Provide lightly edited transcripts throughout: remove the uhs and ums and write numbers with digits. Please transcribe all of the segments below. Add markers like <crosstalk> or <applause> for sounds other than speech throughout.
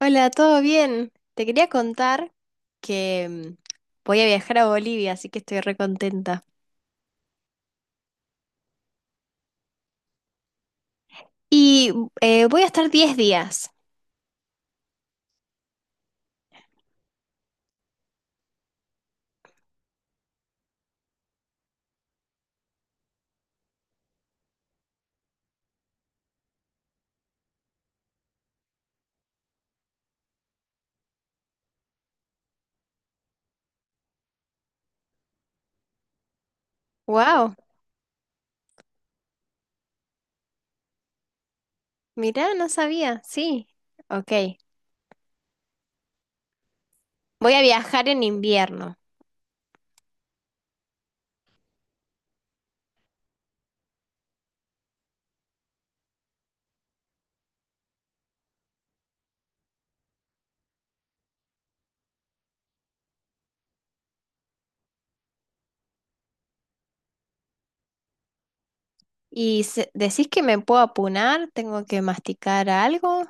Hola, ¿todo bien? Te quería contar que voy a viajar a Bolivia, así que estoy re contenta. Y voy a estar 10 días. ¡Wow! Mirá, no sabía. Sí. Ok. Voy a viajar en invierno. ¿Y decís que me puedo apunar? ¿Tengo que masticar algo?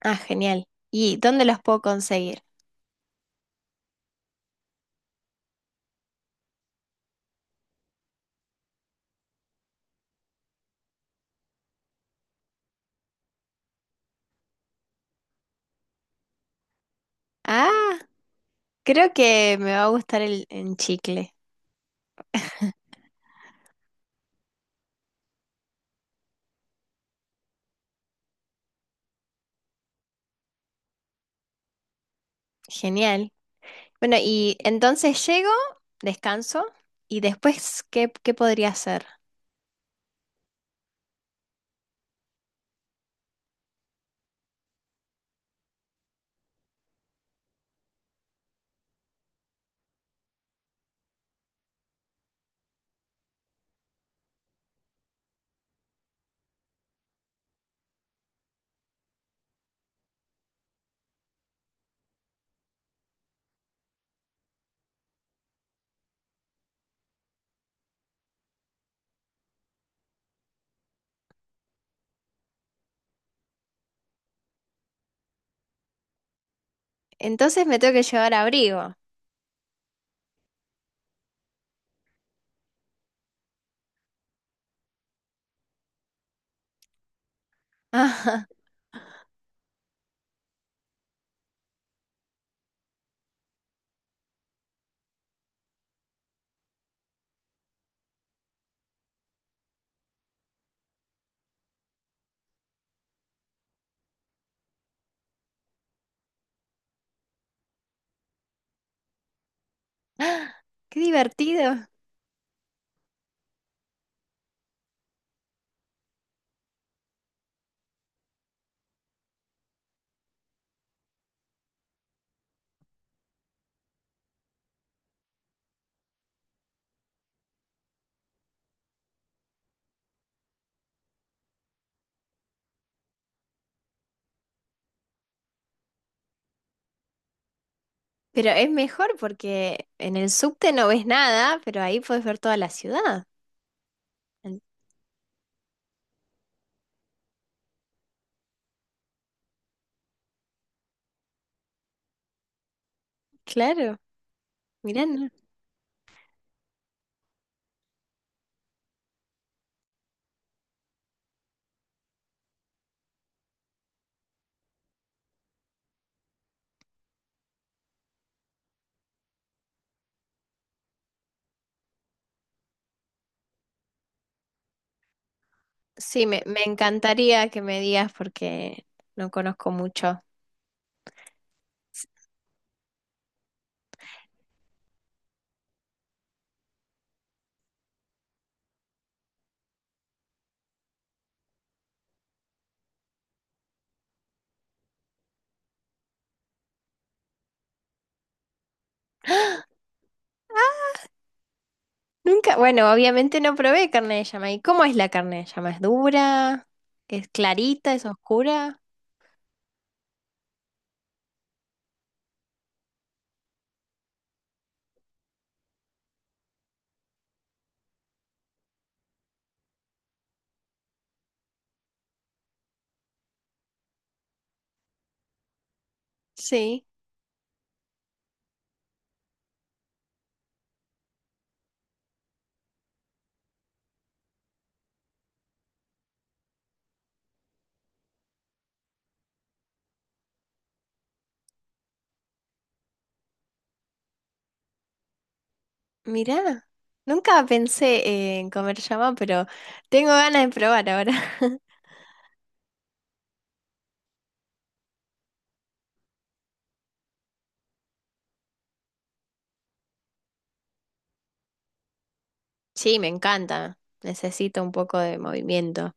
Ah, genial. ¿Y dónde los puedo conseguir? Ah, creo que me va a gustar el en chicle. Genial. Bueno, y entonces llego, descanso, y después, ¿qué, podría hacer? Entonces me tengo que llevar abrigo. <laughs> Ah, qué divertido. Pero es mejor porque en el subte no ves nada, pero ahí puedes ver toda la ciudad. En- Claro, mirá. Sí, me encantaría que me digas porque no conozco mucho. Nunca, bueno, obviamente no probé carne de llama. ¿Y cómo es la carne de llama? ¿Es dura? ¿Es clarita? ¿Es oscura? Sí. Mirá, nunca pensé en comer llama, pero tengo ganas de probar ahora. <laughs> Sí, me encanta. Necesito un poco de movimiento.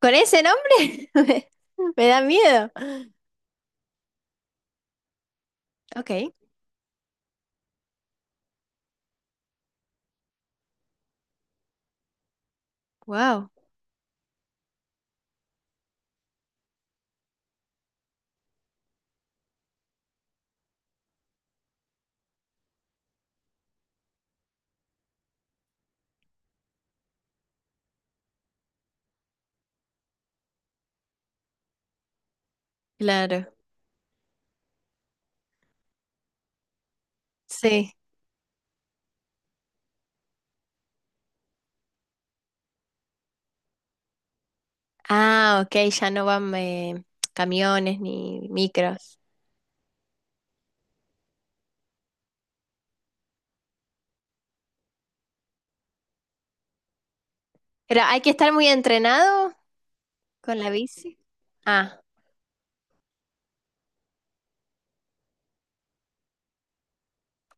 ¿Con ese nombre? <laughs> Me da miedo. Ok, wow, claro. Sí. Ah, ok, ya no van camiones ni micros. Pero hay que estar muy entrenado con la bici. Ah,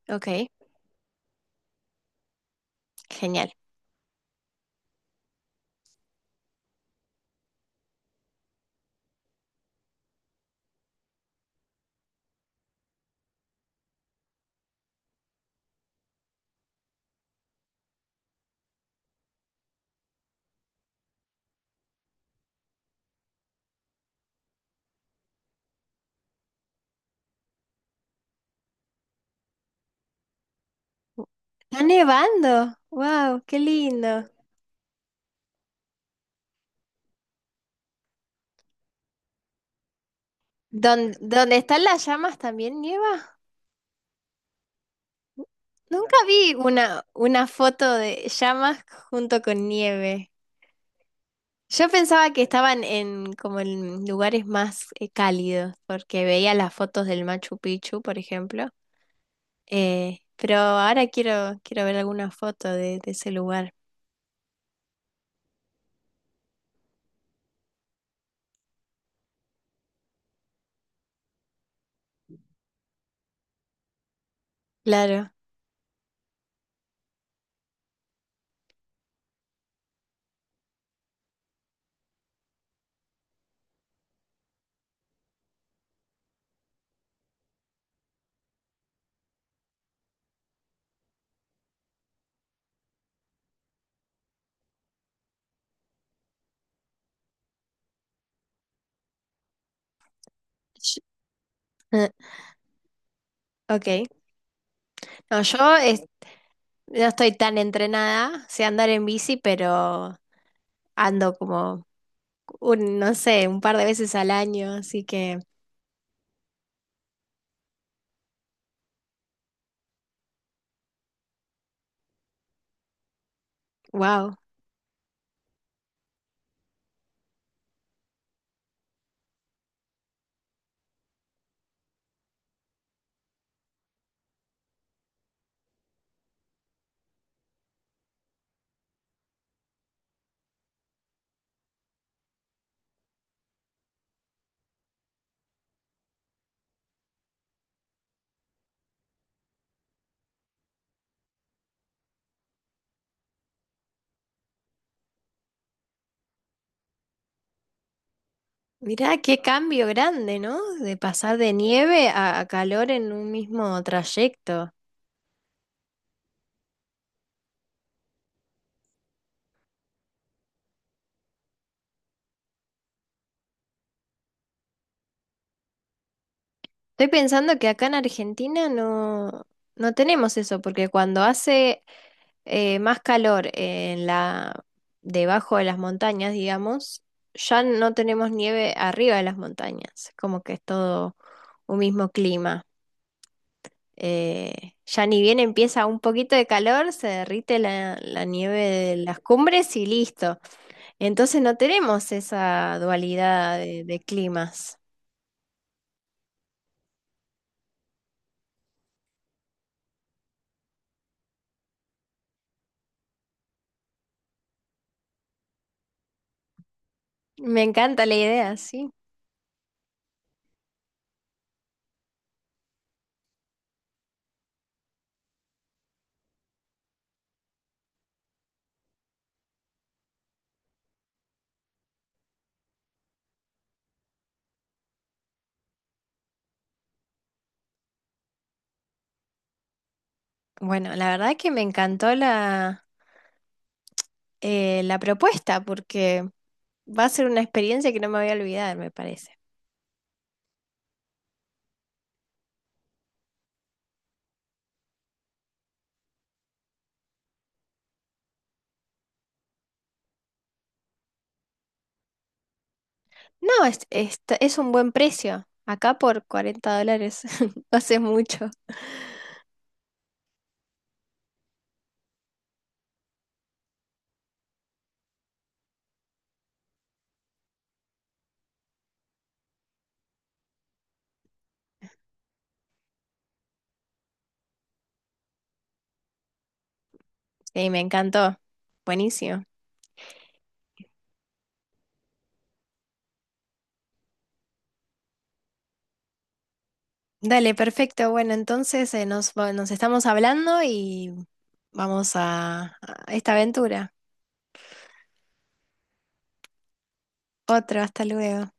ok, genial. Está nevando. Wow, qué lindo. ¿Dónde están las llamas también nieva? Nunca vi una, foto de llamas junto con nieve. Yo pensaba que estaban en como en lugares más cálidos, porque veía las fotos del Machu Picchu, por ejemplo. Pero ahora quiero, ver alguna foto de ese lugar. Claro. Sh- eh, Ok. No, yo no estoy tan entrenada, sé andar en bici, pero ando como no sé, un par de veces al año, así que, wow, mirá qué cambio grande, ¿no? De pasar de nieve a calor en un mismo trayecto. Estoy pensando que acá en Argentina no, no tenemos eso, porque cuando hace más calor en debajo de las montañas, digamos, ya no tenemos nieve arriba de las montañas, como que es todo un mismo clima. Ya ni bien empieza un poquito de calor, se derrite la nieve de las cumbres y listo. Entonces no tenemos esa dualidad de climas. Me encanta la idea, sí. Bueno, la verdad que me encantó la propuesta porque va a ser una experiencia que no me voy a olvidar, me parece. No, es un buen precio. Acá por $40 <laughs> no hace mucho. Sí, me encantó. Buenísimo. Dale, perfecto. Bueno, entonces nos estamos hablando y vamos a esta aventura. Otro, hasta luego.